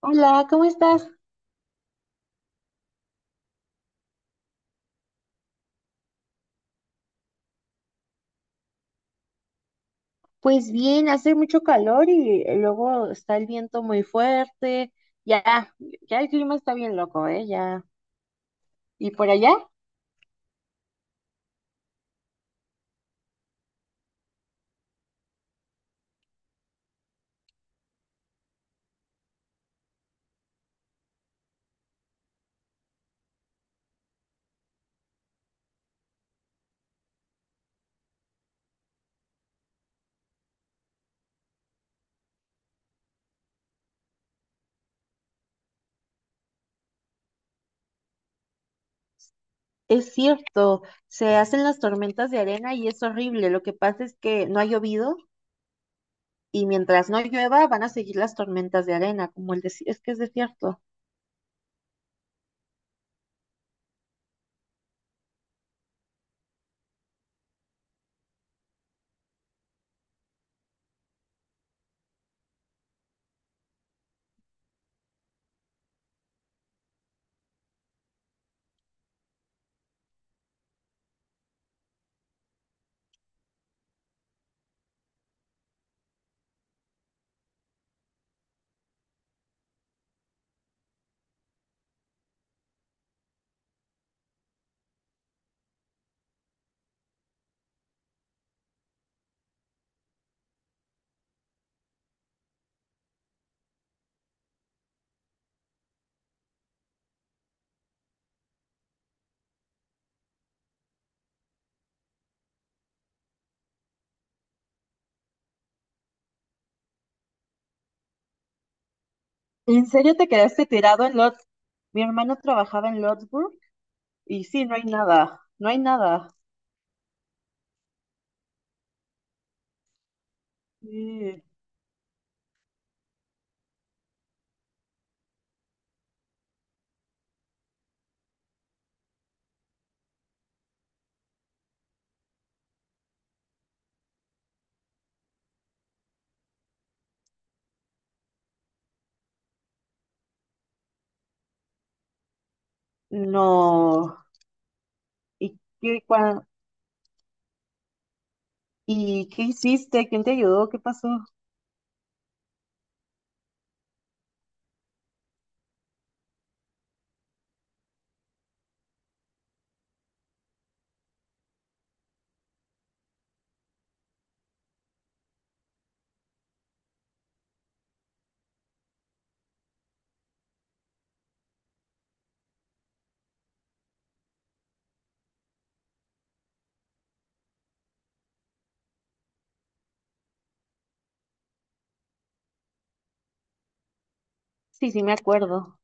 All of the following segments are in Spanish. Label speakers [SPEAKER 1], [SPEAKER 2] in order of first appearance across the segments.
[SPEAKER 1] Hola, ¿cómo estás? Pues bien, hace mucho calor y luego está el viento muy fuerte. Ya, ya, el clima está bien loco, ¿eh? Ya. Y por allá, es cierto, se hacen las tormentas de arena y es horrible. Lo que pasa es que no ha llovido y mientras no llueva van a seguir las tormentas de arena, como el desierto. Es que es desierto. ¿En serio te quedaste tirado en Lod? Mi hermano trabajaba en Lodsburg y sí, no hay nada, no hay nada. Sí. No. ¿Y qué, ¿Y qué hiciste? ¿Quién te ayudó? ¿Qué pasó? Sí, sí, me acuerdo.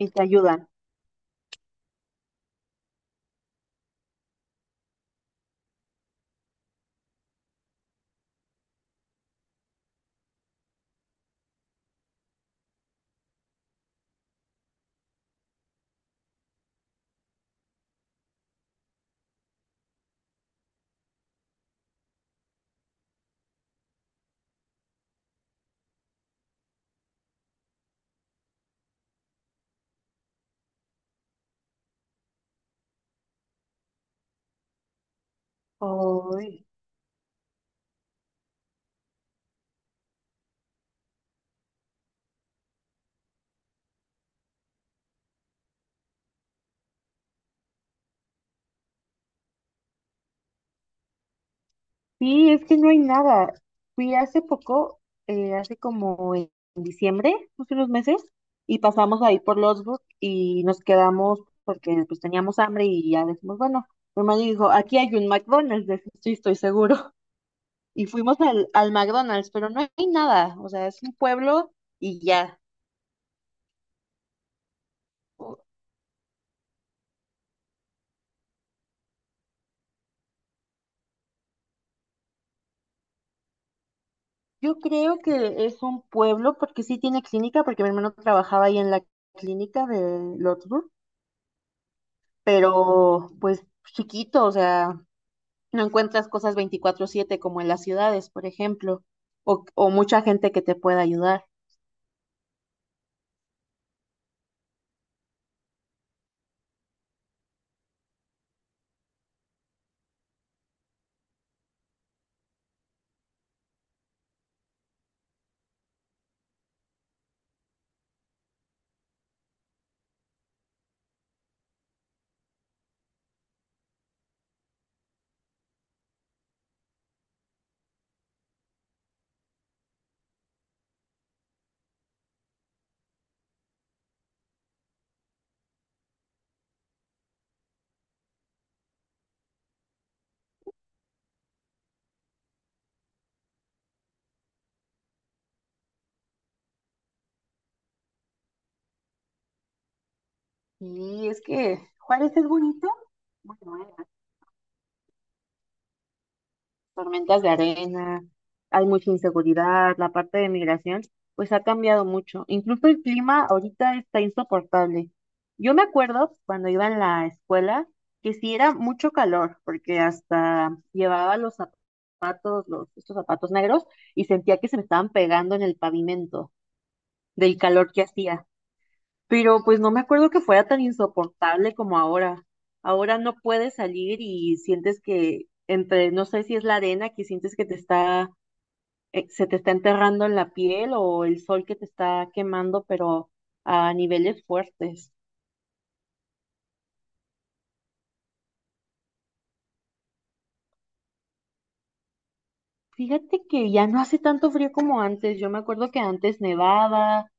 [SPEAKER 1] Y te ayudan. Ay, sí, es que no hay nada. Fui hace poco, hace como en diciembre, hace unos meses, y pasamos ahí por Losburg y nos quedamos porque pues teníamos hambre y ya decimos, bueno, mi hermano dijo, aquí hay un McDonald's, de eso sí, estoy seguro. Y fuimos al McDonald's, pero no hay nada. O sea, es un pueblo y ya. Yo creo que es un pueblo, porque sí tiene clínica, porque mi hermano trabajaba ahí en la clínica de Lotsburg, pero pues chiquito, o sea, no encuentras cosas 24/7 como en las ciudades, por ejemplo, o mucha gente que te pueda ayudar. Y es que Juárez es bonito, bueno, tormentas de arena, hay mucha inseguridad, la parte de migración, pues ha cambiado mucho. Incluso el clima ahorita está insoportable. Yo me acuerdo cuando iba en la escuela que sí era mucho calor, porque hasta llevaba estos zapatos negros, y sentía que se me estaban pegando en el pavimento del calor que hacía. Pero pues no me acuerdo que fuera tan insoportable como ahora. Ahora no puedes salir y sientes que entre, no sé si es la arena que sientes que te está se te está enterrando en la piel o el sol que te está quemando, pero a niveles fuertes. Fíjate que ya no hace tanto frío como antes. Yo me acuerdo que antes nevaba,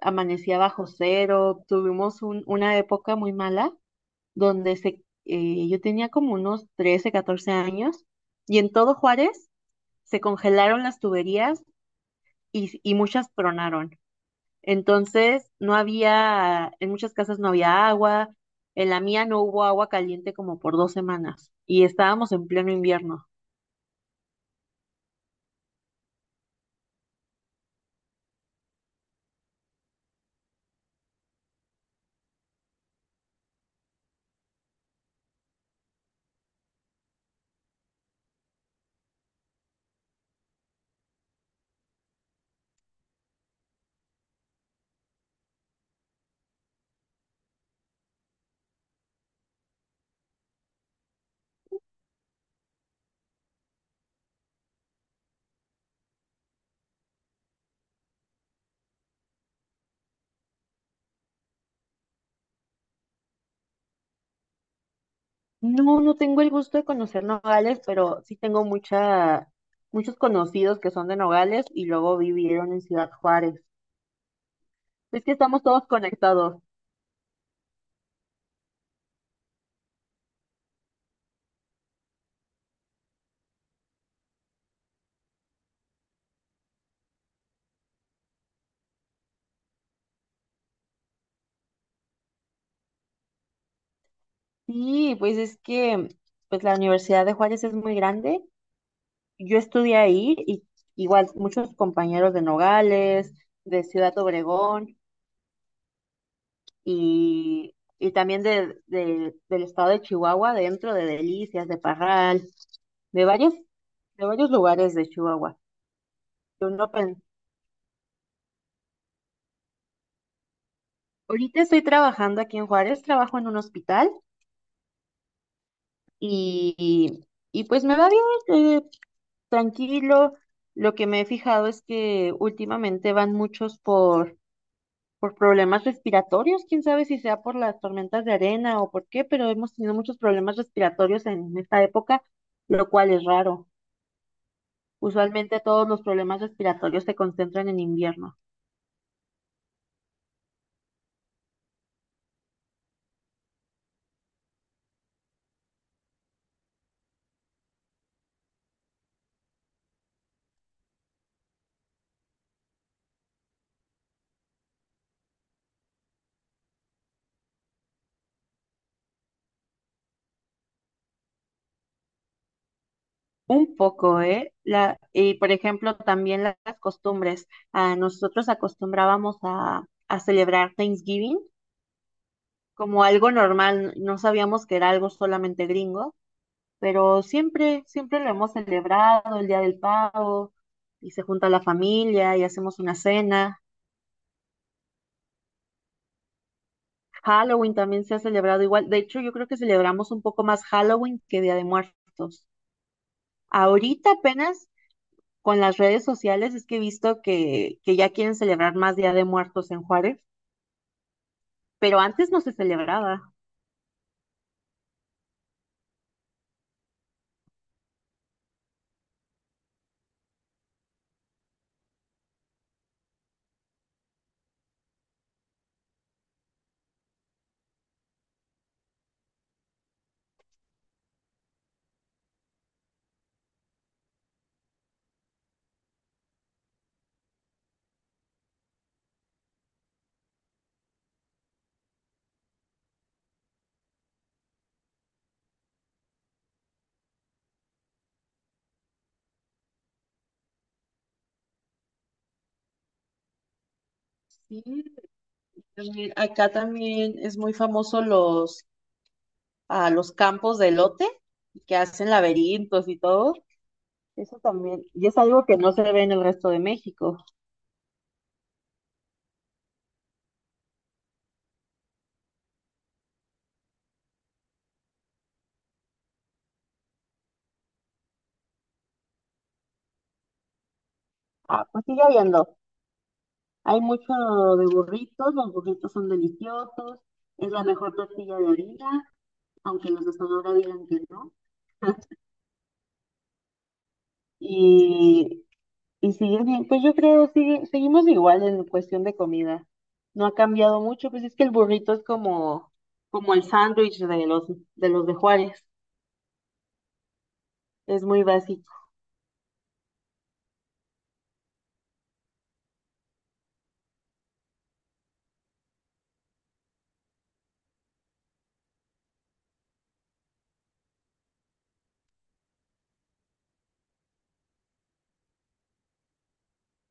[SPEAKER 1] amanecía bajo cero, tuvimos una época muy mala donde yo tenía como unos 13 14 años y en todo Juárez se congelaron las tuberías y muchas tronaron. Entonces, no había, en muchas casas no había agua, en la mía no hubo agua caliente como por 2 semanas y estábamos en pleno invierno. No, no tengo el gusto de conocer Nogales, pero muchos conocidos que son de Nogales y luego vivieron en Ciudad Juárez. Es que estamos todos conectados. Sí, pues es que pues la Universidad de Juárez es muy grande. Yo estudié ahí y igual muchos compañeros de Nogales, de Ciudad Obregón. Y, y también del estado de Chihuahua, dentro de Delicias, de Parral, de varios, de varios lugares de Chihuahua. Yo no pen- Ahorita estoy trabajando aquí en Juárez, trabajo en un hospital y, y y pues me va bien, tranquilo. Lo que me he fijado es que últimamente van muchos por problemas respiratorios, quién sabe si sea por las tormentas de arena o por qué, pero hemos tenido muchos problemas respiratorios en esta época, lo cual es raro. Usualmente todos los problemas respiratorios se concentran en invierno. Un poco, ¿eh? La, y por ejemplo, también las costumbres. Ah, nosotros acostumbrábamos a celebrar Thanksgiving como algo normal. No sabíamos que era algo solamente gringo, pero siempre, siempre lo hemos celebrado, el Día del Pavo, y se junta la familia y hacemos una cena. Halloween también se ha celebrado igual. De hecho, yo creo que celebramos un poco más Halloween que Día de Muertos. Ahorita apenas con las redes sociales es que he visto que ya quieren celebrar más Día de Muertos en Juárez, pero antes no se celebraba. Sí, también- acá también es muy famoso los campos de elote que hacen laberintos y todo. Eso también, y es algo que no se ve en el resto de México. Ah, pues sigue habiendo. Hay mucho de burritos, los burritos son deliciosos, es la mejor tortilla de harina, aunque los de Sonora digan que no. y Y sigue bien, pues yo creo, sigue, seguimos igual en cuestión de comida. No ha cambiado mucho, pues es que el burrito es como, como el sándwich de los de Juárez. Es muy básico.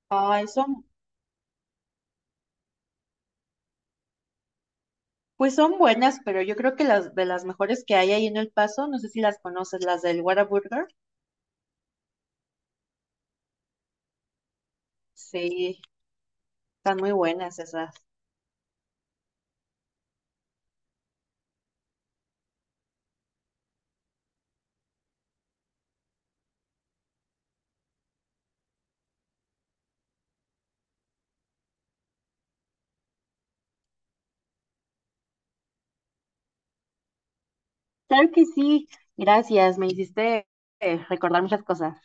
[SPEAKER 1] Ay, son, pues son buenas, pero yo creo que las de las mejores que hay ahí en El Paso, no sé si las conoces, las del Whataburger, sí, están muy buenas esas. Claro que sí, gracias, me hiciste recordar muchas cosas.